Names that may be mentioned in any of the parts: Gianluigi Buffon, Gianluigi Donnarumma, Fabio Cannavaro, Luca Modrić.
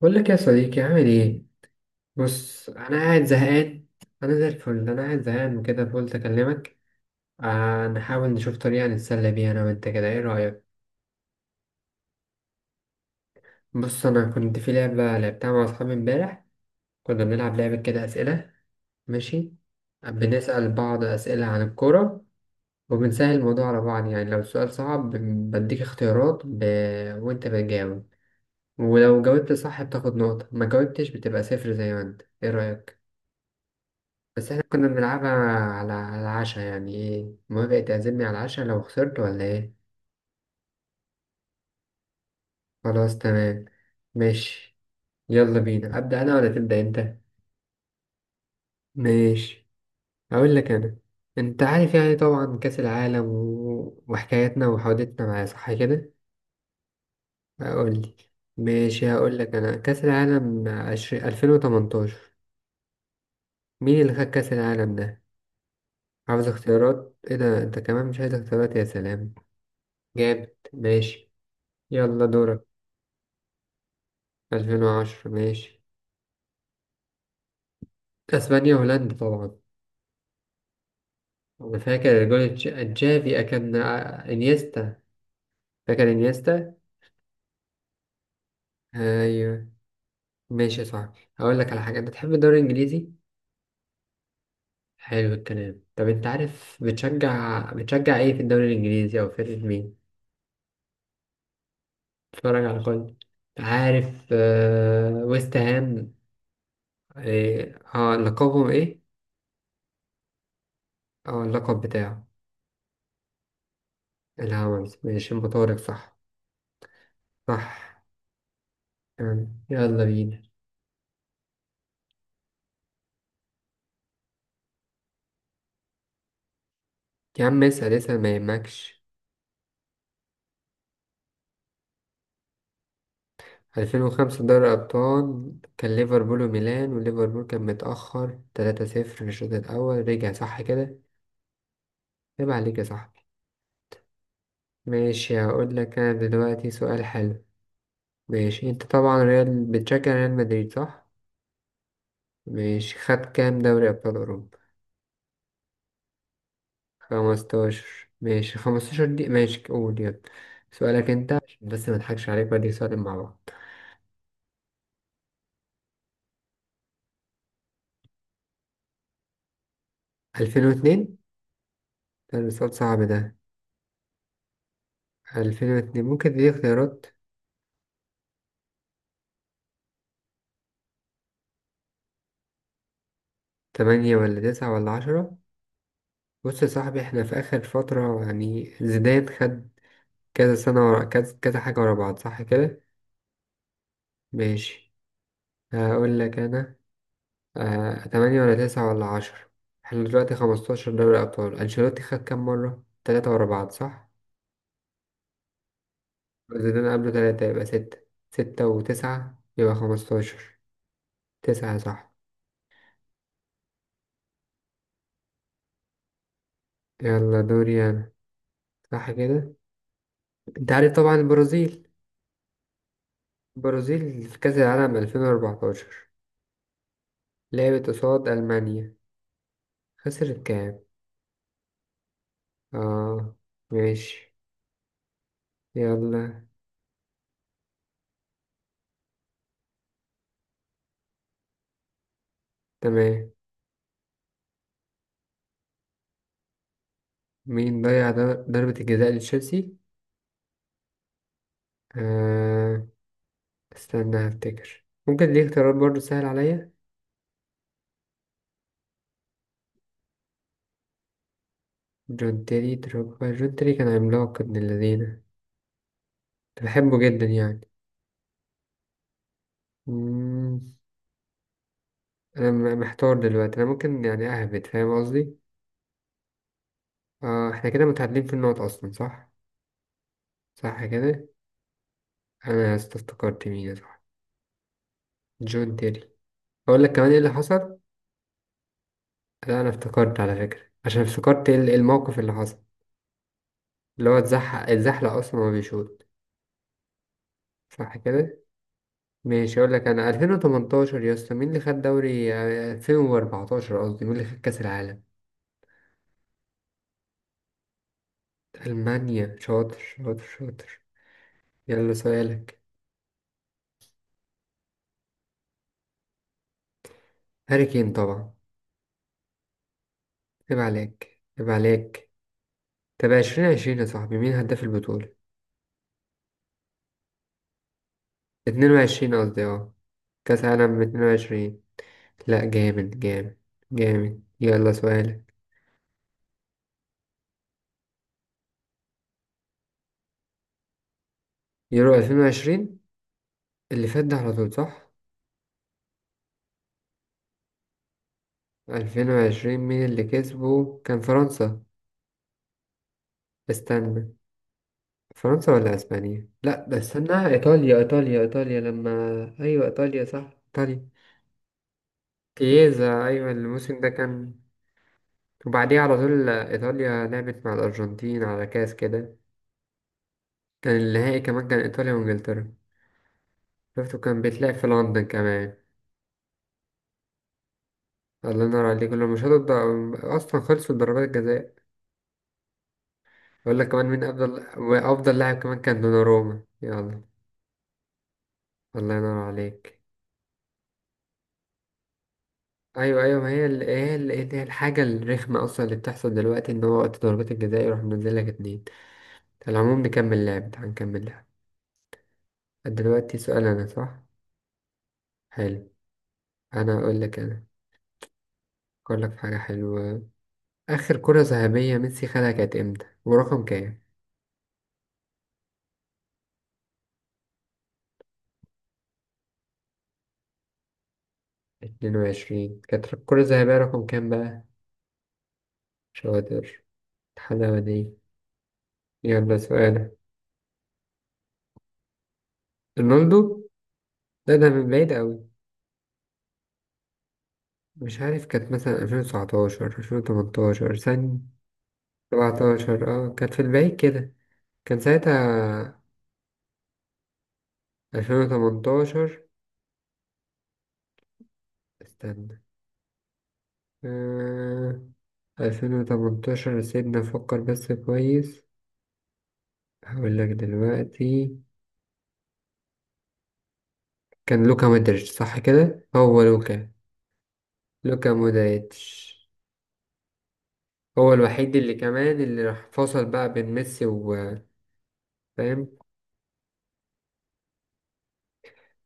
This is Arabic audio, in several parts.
بقول لك يا صديقي، عامل ايه؟ بص، انا قاعد زهقان. انا زي الفل. انا قاعد زهقان وكده فقلت اكلمك. آه، نحاول نشوف طريقه نتسلى بيها انا وانت كده، ايه رايك؟ بص، انا كنت في لعبه لعبتها مع اصحابي امبارح. كنا بنلعب لعبه كده، اسئله. ماشي. بنسال بعض اسئله عن الكوره، وبنسهل الموضوع على بعض، يعني لو السؤال صعب بديك اختيارات وانت بتجاوب. ولو جاوبت صح بتاخد نقطه، ما جاوبتش بتبقى صفر. زي ما انت، ايه رايك؟ بس احنا كنا بنلعبها على العشاء. يعني ايه، موافق تعزمني على العشاء لو خسرت ولا ايه؟ خلاص تمام. ماشي. يلا بينا، ابدا انا ولا تبدا انت؟ ماشي، اقول لك انا. انت عارف يعني، طبعا كاس العالم وحكاياتنا وحوادثنا معاه، صح كده؟ اقول لي. ماشي، هقول لك انا. كاس العالم 2018. مين اللي خد كاس العالم ده؟ عاوز اختيارات؟ ايه ده انت كمان مش عايز اختيارات، يا سلام. جامد، ماشي. يلا دورك. 2010، ماشي. اسبانيا وهولندا طبعا. انا فاكر جول تشافي كان، انيستا. فاكر انيستا. ايوه ماشي صح. هقول لك على حاجه، انت تحب الدوري الانجليزي؟ حلو الكلام. طب انت عارف، بتشجع ايه في الدوري الانجليزي، او فرقه مين؟ اتفرج على كل. عارف، ويست هام. إيه، اه لقبهم ايه؟ اه اللقب بتاعه. الهاونز، ماشي مطارق، صح. صح. تمام. يلا بينا. يا عم، اسأل اسأل ما يهمكش. 2005 دوري أبطال كان ليفربول وميلان، وليفربول كان متأخر 3-0 في الشوط الأول رجع، صح كده؟ عيب عليك يا صاحبي. ماشي، هقول لك أنا دلوقتي سؤال حلو. ماشي، أنت طبعا ريال، بتشجع ريال مدريد صح؟ ماشي، خد كام دوري أبطال أوروبا؟ 15، ماشي. 15 دي ماشي، قول يلا. سؤالك أنت، عشان بس مضحكش عليك بدي سؤالين مع بعض. 2002. ده سؤال صعب ده. 2002، ممكن تدي اختيارات. تمانية ولا تسعة ولا عشرة؟ بص يا صاحبي، احنا في آخر فترة يعني زيدان خد كذا سنة ورا كذا، كذا حاجة ورا بعض صح كده؟ ماشي. هقول لك أنا. تمانية ولا تسعة ولا عشرة. احنا دلوقتي 15 دوري أبطال، أنشيلوتي خد كام مرة؟ تلاتة ورا بعض صح؟ زيدان قبله تلاتة يبقى ستة. ستة وتسعة يبقى 15. تسعة، صح. يلا دوري أنا. صح كده؟ أنت عارف طبعا البرازيل. البرازيل في كأس العالم 2014 لعبت قصاد ألمانيا. خسرت كام؟ اه. ماشي. يلا. تمام. مين ضيع ضربة الجزاء لتشيلسي؟ آه. استنى هفتكر. ممكن دي اختيارات برضه سهل عليا. جون تيري دروجبا. جون تيري كان عملاق ابن الذين، كنت بحبه جدا يعني. مم. محتار دلوقتي، انا ممكن يعني اهبد، فاهم قصدي؟ احنا كده متعادلين في النقط اصلا، صح. صح كده. افتكرت مين، صح. جون تيري. اقول لك كمان ايه اللي حصل. لا انا افتكرت على فكرة، عشان افتكرت الموقف اللي حصل. اللي هو اتزحلق اصلا وهو بيشوط. صح كده. ماشي. اقول لك انا. 2018 يا اسطى، مين اللي خد دوري آه، 2014 قصدي، مين اللي خد كاس العالم؟ المانيا، شاطر شاطر شاطر. يلا سؤالك. هاري كين طبعا. عيب عليك، عيب عليك. طب 2020 يا صاحبي، مين هداف البطولة؟ 22 قصدي، اه. كاس عالم 22. لا، جامد جامد جامد. يلا سؤالك. يورو 2020 اللي فات ده على طول، صح؟ 2020 مين اللي كسبه، كان فرنسا. استنى. فرنسا ولا اسبانيا، لا ده استنى. ايطاليا ايطاليا ايطاليا لما. ايوه ايطاليا، صح ايطاليا. كييزا، ايوه الموسم ده كان. وبعديه على طول، ايطاليا لعبت مع الارجنتين على كاس كده. كان النهائي كمان كان ايطاليا وانجلترا. شفته كان بيتلعب في لندن كمان. الله ينور عليك، لما مش هتقدر اصلا خلصوا ضربات الجزاء. اقول لك كمان، مين افضل وافضل لاعب كمان كان دوناروما، يلا. الله ينور عليك. ايوه ايوه، ما هي الحاجه الرخمه اصلا اللي بتحصل دلوقتي، ان هو وقت ضربات الجزاء يروح منزل لك اتنين. على العموم، نكمل لعب. تعال نكمل لعب. دلوقتي سؤال انا، صح. حلو. انا اقول لك انا. اقول لك في حاجه حلوه. اخر كره ذهبيه ميسي خدها كانت امتى ورقم كام؟ 22. كانت الكره الذهبيه رقم كام بقى؟ شاطر. الحلاوه دي. يلا سؤال. رونالدو. ده من بعيد قوي. مش عارف، كانت مثلا 2019 2018 سنة. 17، اه كانت في البعيد كده. كان ساعتها. 2018. استنى. آه... ألفين وتمنتاشر، سيبنا نفكر بس كويس. هقول لك دلوقتي. كان لوكا مودريتش، صح كده، هو لوكا. لوكا مودريتش. هو الوحيد اللي كمان اللي راح فصل بقى بين ميسي و... فاهم.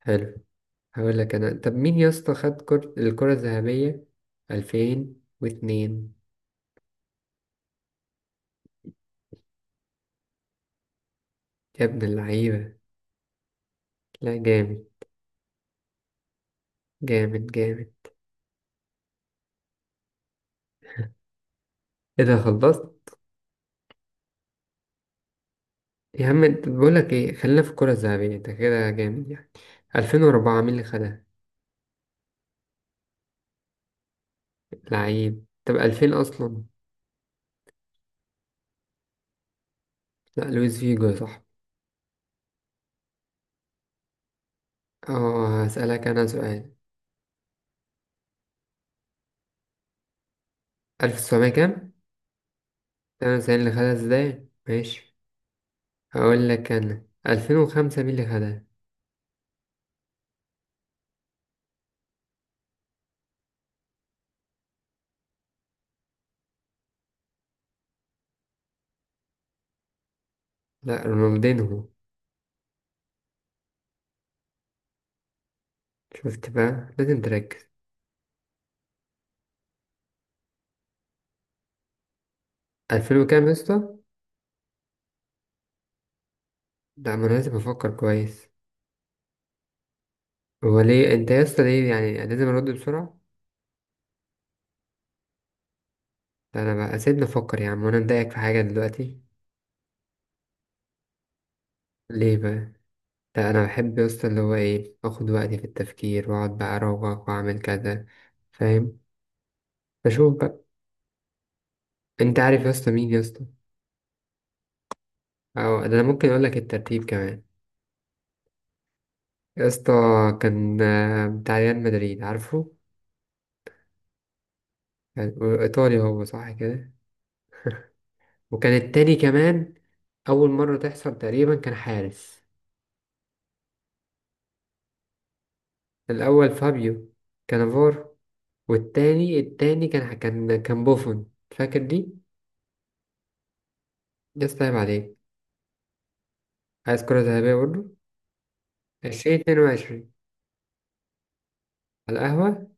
حلو. هقول لك انا، طب مين يا اسطى خد الكرة الذهبية 2002؟ يا ابن اللعيبة. لا، جامد جامد جامد. ايه ده، خلصت؟ يا عم انت بقول لك ايه، خلينا في الكرة الذهبية، انت كده جامد يعني. 2004 مين اللي خدها؟ لعيب. طب 2000 اصلا. لا، لويس فيجو يا صاحبي. اه، هسألك انا سؤال. 1900 كام؟ 98 اللي خدها، ازاي ماشي. هقول لك انا 2005 مين اللي خدها؟ لا، رونالدينهو. شفت بقى، لازم تركز. 2000 وكام يا اسطى؟ لا، ما انا لازم افكر كويس. هو ليه انت يا اسطى، ليه يعني لازم ارد بسرعة؟ لا انا بقى سيبني افكر يا عم، وانا مضايقك في حاجة دلوقتي؟ ليه بقى؟ لا، أنا بحب بس اللي هو إيه، أخد وقتي في التفكير وأقعد بقى أروق، وأعمل كذا. فاهم؟ بشوف بقى. أنت عارف يا اسطى، مين يا اسطى؟ أو ده أنا ممكن أقول لك الترتيب كمان. يا اسطى. كان بتاع ريال مدريد، عارفه؟ كان إيطالي هو، صح كده؟ وكان التاني كمان. أول مرة تحصل تقريبا، كان حارس. الأول فابيو كانافارو. والتاني كان بوفون، فاكر دي؟ يا اسطى عيب عليك. عايز كرة ذهبية برضه؟ 22. على القهوة.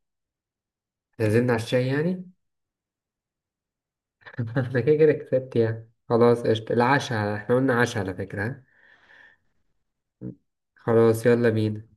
نزلنا على الشاي يعني. أنا كده كده كسبت يعني، خلاص قشطة. العشاء احنا قلنا، عشاء على فكرة، ها؟ خلاص، يلا بينا.